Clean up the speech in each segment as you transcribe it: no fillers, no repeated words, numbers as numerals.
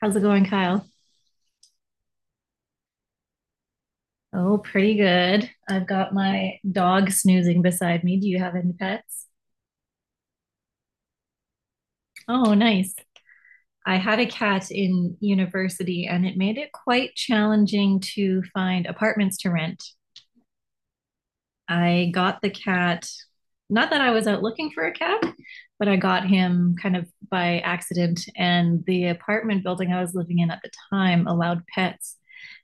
How's it going, Kyle? Oh, pretty good. I've got my dog snoozing beside me. Do you have any pets? Oh, nice. I had a cat in university and it made it quite challenging to find apartments to rent. I got the cat, not that I was out looking for a cat, but I got him kind of by accident. And the apartment building I was living in at the time allowed pets.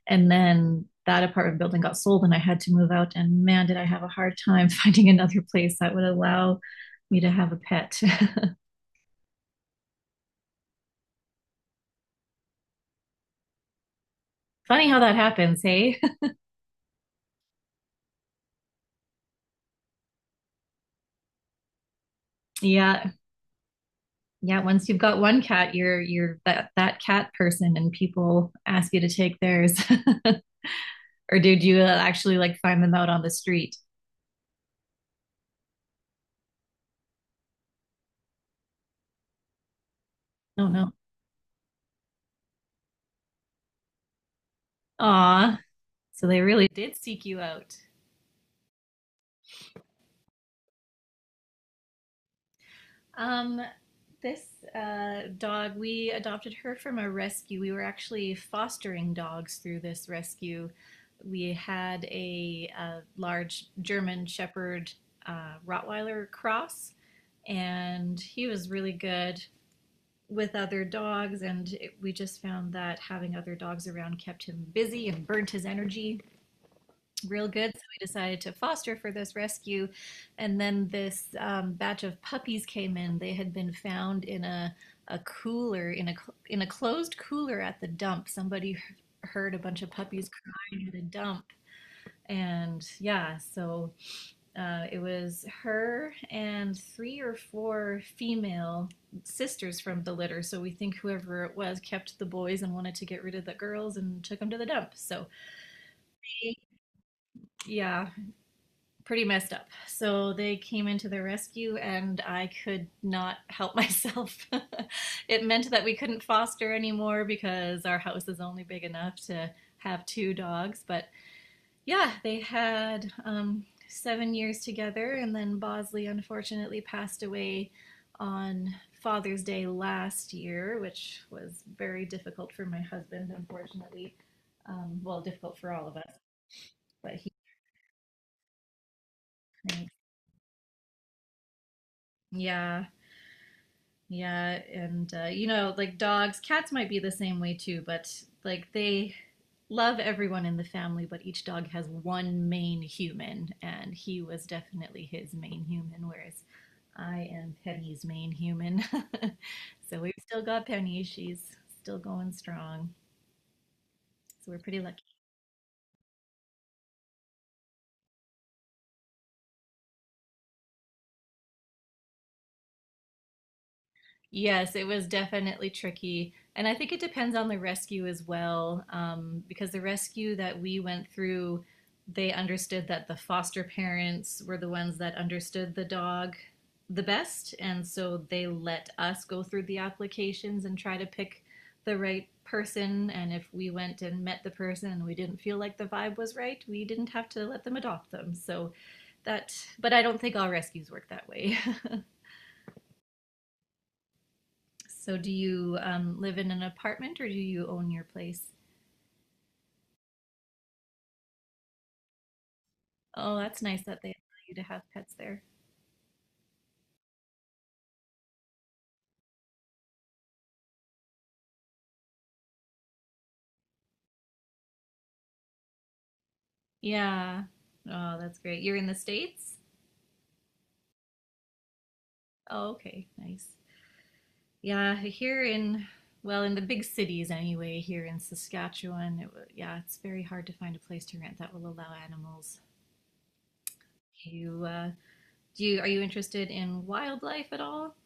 And then that apartment building got sold and I had to move out. And man, did I have a hard time finding another place that would allow me to have a pet. Funny how that happens, hey? Yeah. Yeah, once you've got one cat, you're that cat person and people ask you to take theirs. Or did you actually like find them out on the street? No, no. Aw. So they really did seek you out. Um, this dog, we adopted her from a rescue. We were actually fostering dogs through this rescue. We had a, uh, large German Shepherd, Rottweiler cross, and he was really good with other dogs. And it, we just found that having other dogs around kept him busy and burnt his energy real good. So we decided to foster for this rescue. And then this batch of puppies came in. They had been found in a cooler, in a closed cooler at the dump. Somebody heard a bunch of puppies crying at a dump. And yeah, so it was her and three or four female sisters from the litter. So we think whoever it was kept the boys and wanted to get rid of the girls and took them to the dump. So yeah, pretty messed up. So they came into the rescue, and I could not help myself. It meant that we couldn't foster anymore because our house is only big enough to have two dogs. But yeah, they had 7 years together, and then Bosley unfortunately passed away on Father's Day last year, which was very difficult for my husband, unfortunately. Well, difficult for all of us, but he, yeah. Yeah, and you know, like dogs, cats might be the same way too, but like they love everyone in the family, but each dog has one main human, and he was definitely his main human, whereas I am Penny's main human. So we've still got Penny. She's still going strong. So we're pretty lucky. Yes, it was definitely tricky. And I think it depends on the rescue as well, because the rescue that we went through, they understood that the foster parents were the ones that understood the dog the best. And so they let us go through the applications and try to pick the right person. And if we went and met the person and we didn't feel like the vibe was right, we didn't have to let them adopt them. So that, but I don't think all rescues work that way. So do you live in an apartment or do you own your place? Oh, that's nice that they allow you to have pets there. Yeah. Oh, that's great. You're in the States? Oh, okay. Nice. Yeah, here in, well, in the big cities anyway, here in Saskatchewan, it, wa- yeah, it's very hard to find a place to rent that will allow animals. You, do you, are you interested in wildlife at all?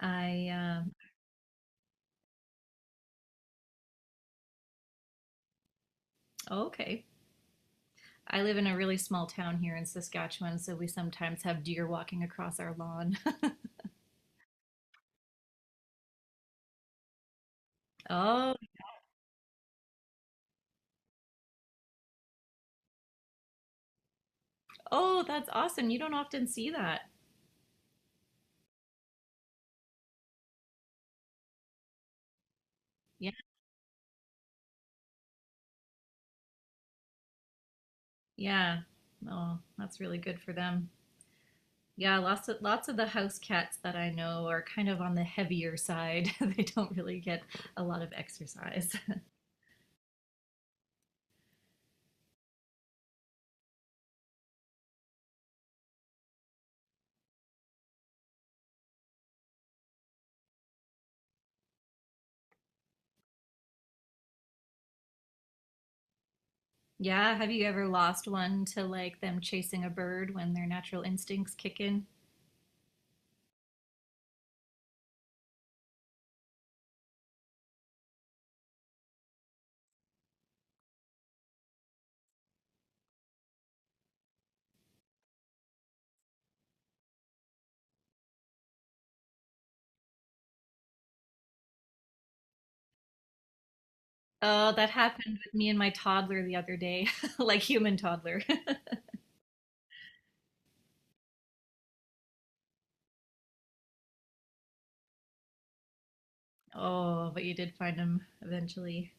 I, um, oh, okay. I live in a really small town here in Saskatchewan, so we sometimes have deer walking across our lawn. Oh, oh, that's awesome. You don't often see that. Yeah, yeah. Oh, that's really good for them. Yeah, lots of the house cats that I know are kind of on the heavier side. They don't really get a lot of exercise. Yeah, have you ever lost one to like them chasing a bird when their natural instincts kick in? Oh, that happened with me and my toddler the other day, like human toddler. Oh, but you did find him eventually.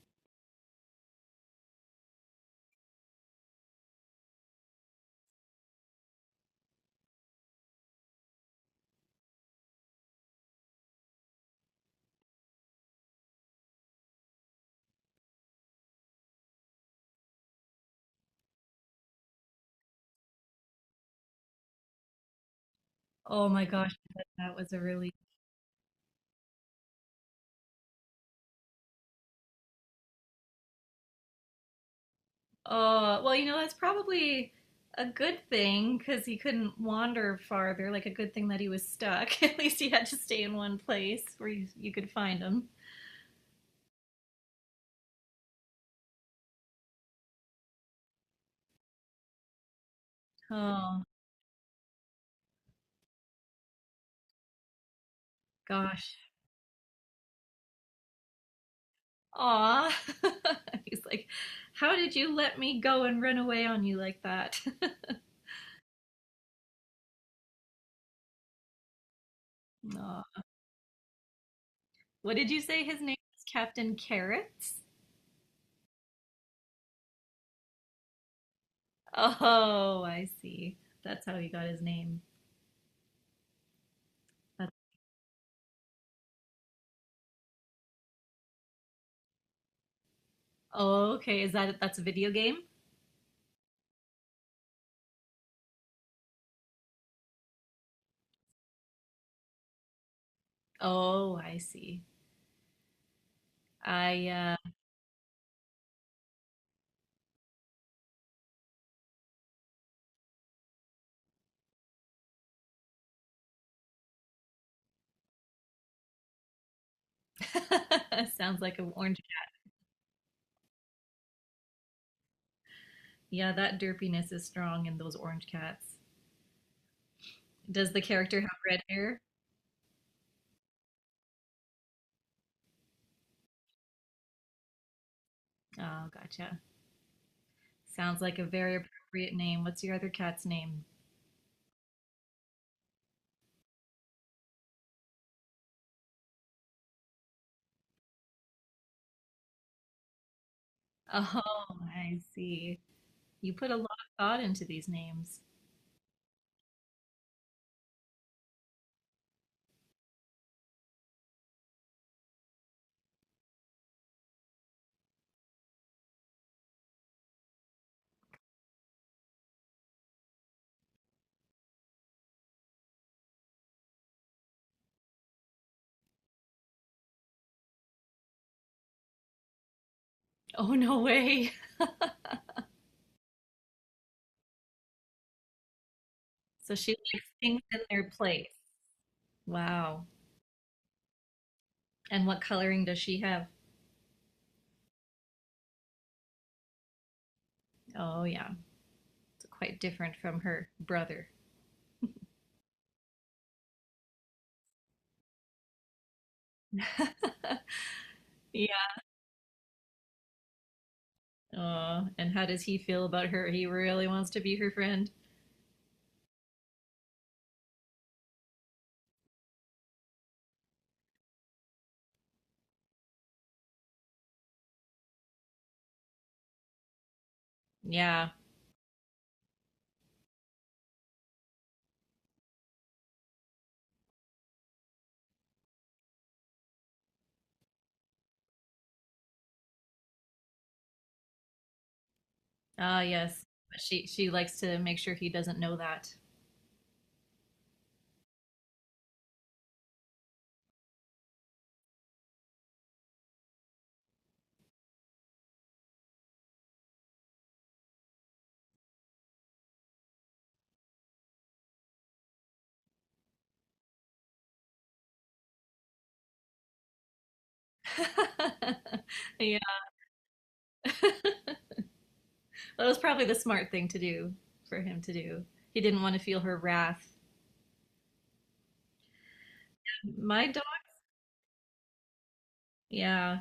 Oh my gosh, that was a really— Oh, well, you know, that's probably a good thing because he couldn't wander farther. Like, a good thing that he was stuck. At least he had to stay in one place where you could find him. Oh, gosh. Aw. He's like, how did you let me go and run away on you like that? Aw. What did you say his name was? Captain Carrots? Oh, I see. That's how he got his name. That's, oh, okay. Is that, that's a video game? Oh, I see. I, uh— Sounds like an orange cat. Yeah, that derpiness is strong in those orange cats. Does the character have red hair? Oh, gotcha. Sounds like a very appropriate name. What's your other cat's name? Oh, I see. You put a lot of thought into these names. Oh, no way. So she likes things in their place. Wow. And what coloring does she have? Oh, yeah. It's quite different from her brother. Yeah. Oh, and how does he feel about her? He really wants to be her friend. Yeah. Ah, yes. She likes to make sure he doesn't know that. Yeah, that was probably the smart thing to do, for him to do. He didn't want to feel her wrath. My dog, yeah.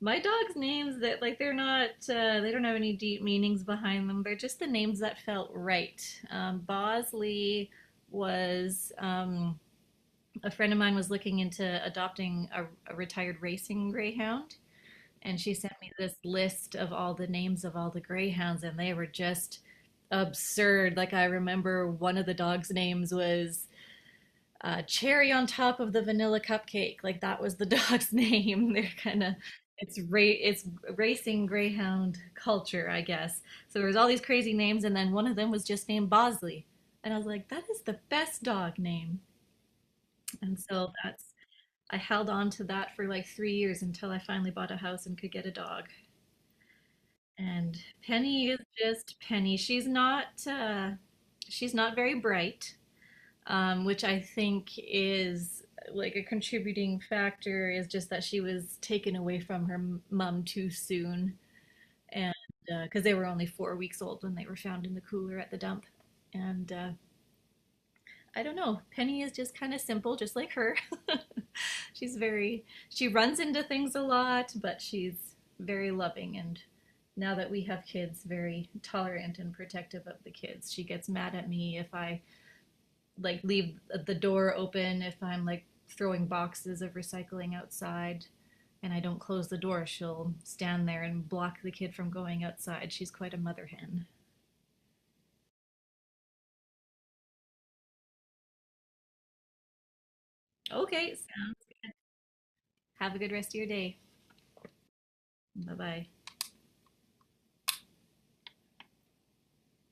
My dog's names, that, like, they're not they don't have any deep meanings behind them. They're just the names that felt right. Bosley was a friend of mine was looking into adopting a retired racing greyhound, and she sent me this list of all the names of all the greyhounds, and they were just absurd. Like I remember one of the dogs' names was Cherry on top of the vanilla cupcake. Like that was the dog's name. They're kind of, it's ra- it's racing greyhound culture, I guess. So there was all these crazy names, and then one of them was just named Bosley, and I was like, that is the best dog name. And so that's— I held on to that for like 3 years until I finally bought a house and could get a dog. And Penny is just Penny. She's not very bright, which I think is like a contributing factor is just that she was taken away from her mom too soon, and because they were only 4 weeks old when they were found in the cooler at the dump, and I don't know. Penny is just kind of simple, just like her. She's very, she runs into things a lot, but she's very loving and now that we have kids, very tolerant and protective of the kids. She gets mad at me if I like leave the door open, if I'm like throwing boxes of recycling outside and I don't close the door, she'll stand there and block the kid from going outside. She's quite a mother hen. Okay, sounds. Have a good rest of your day. Bye bye.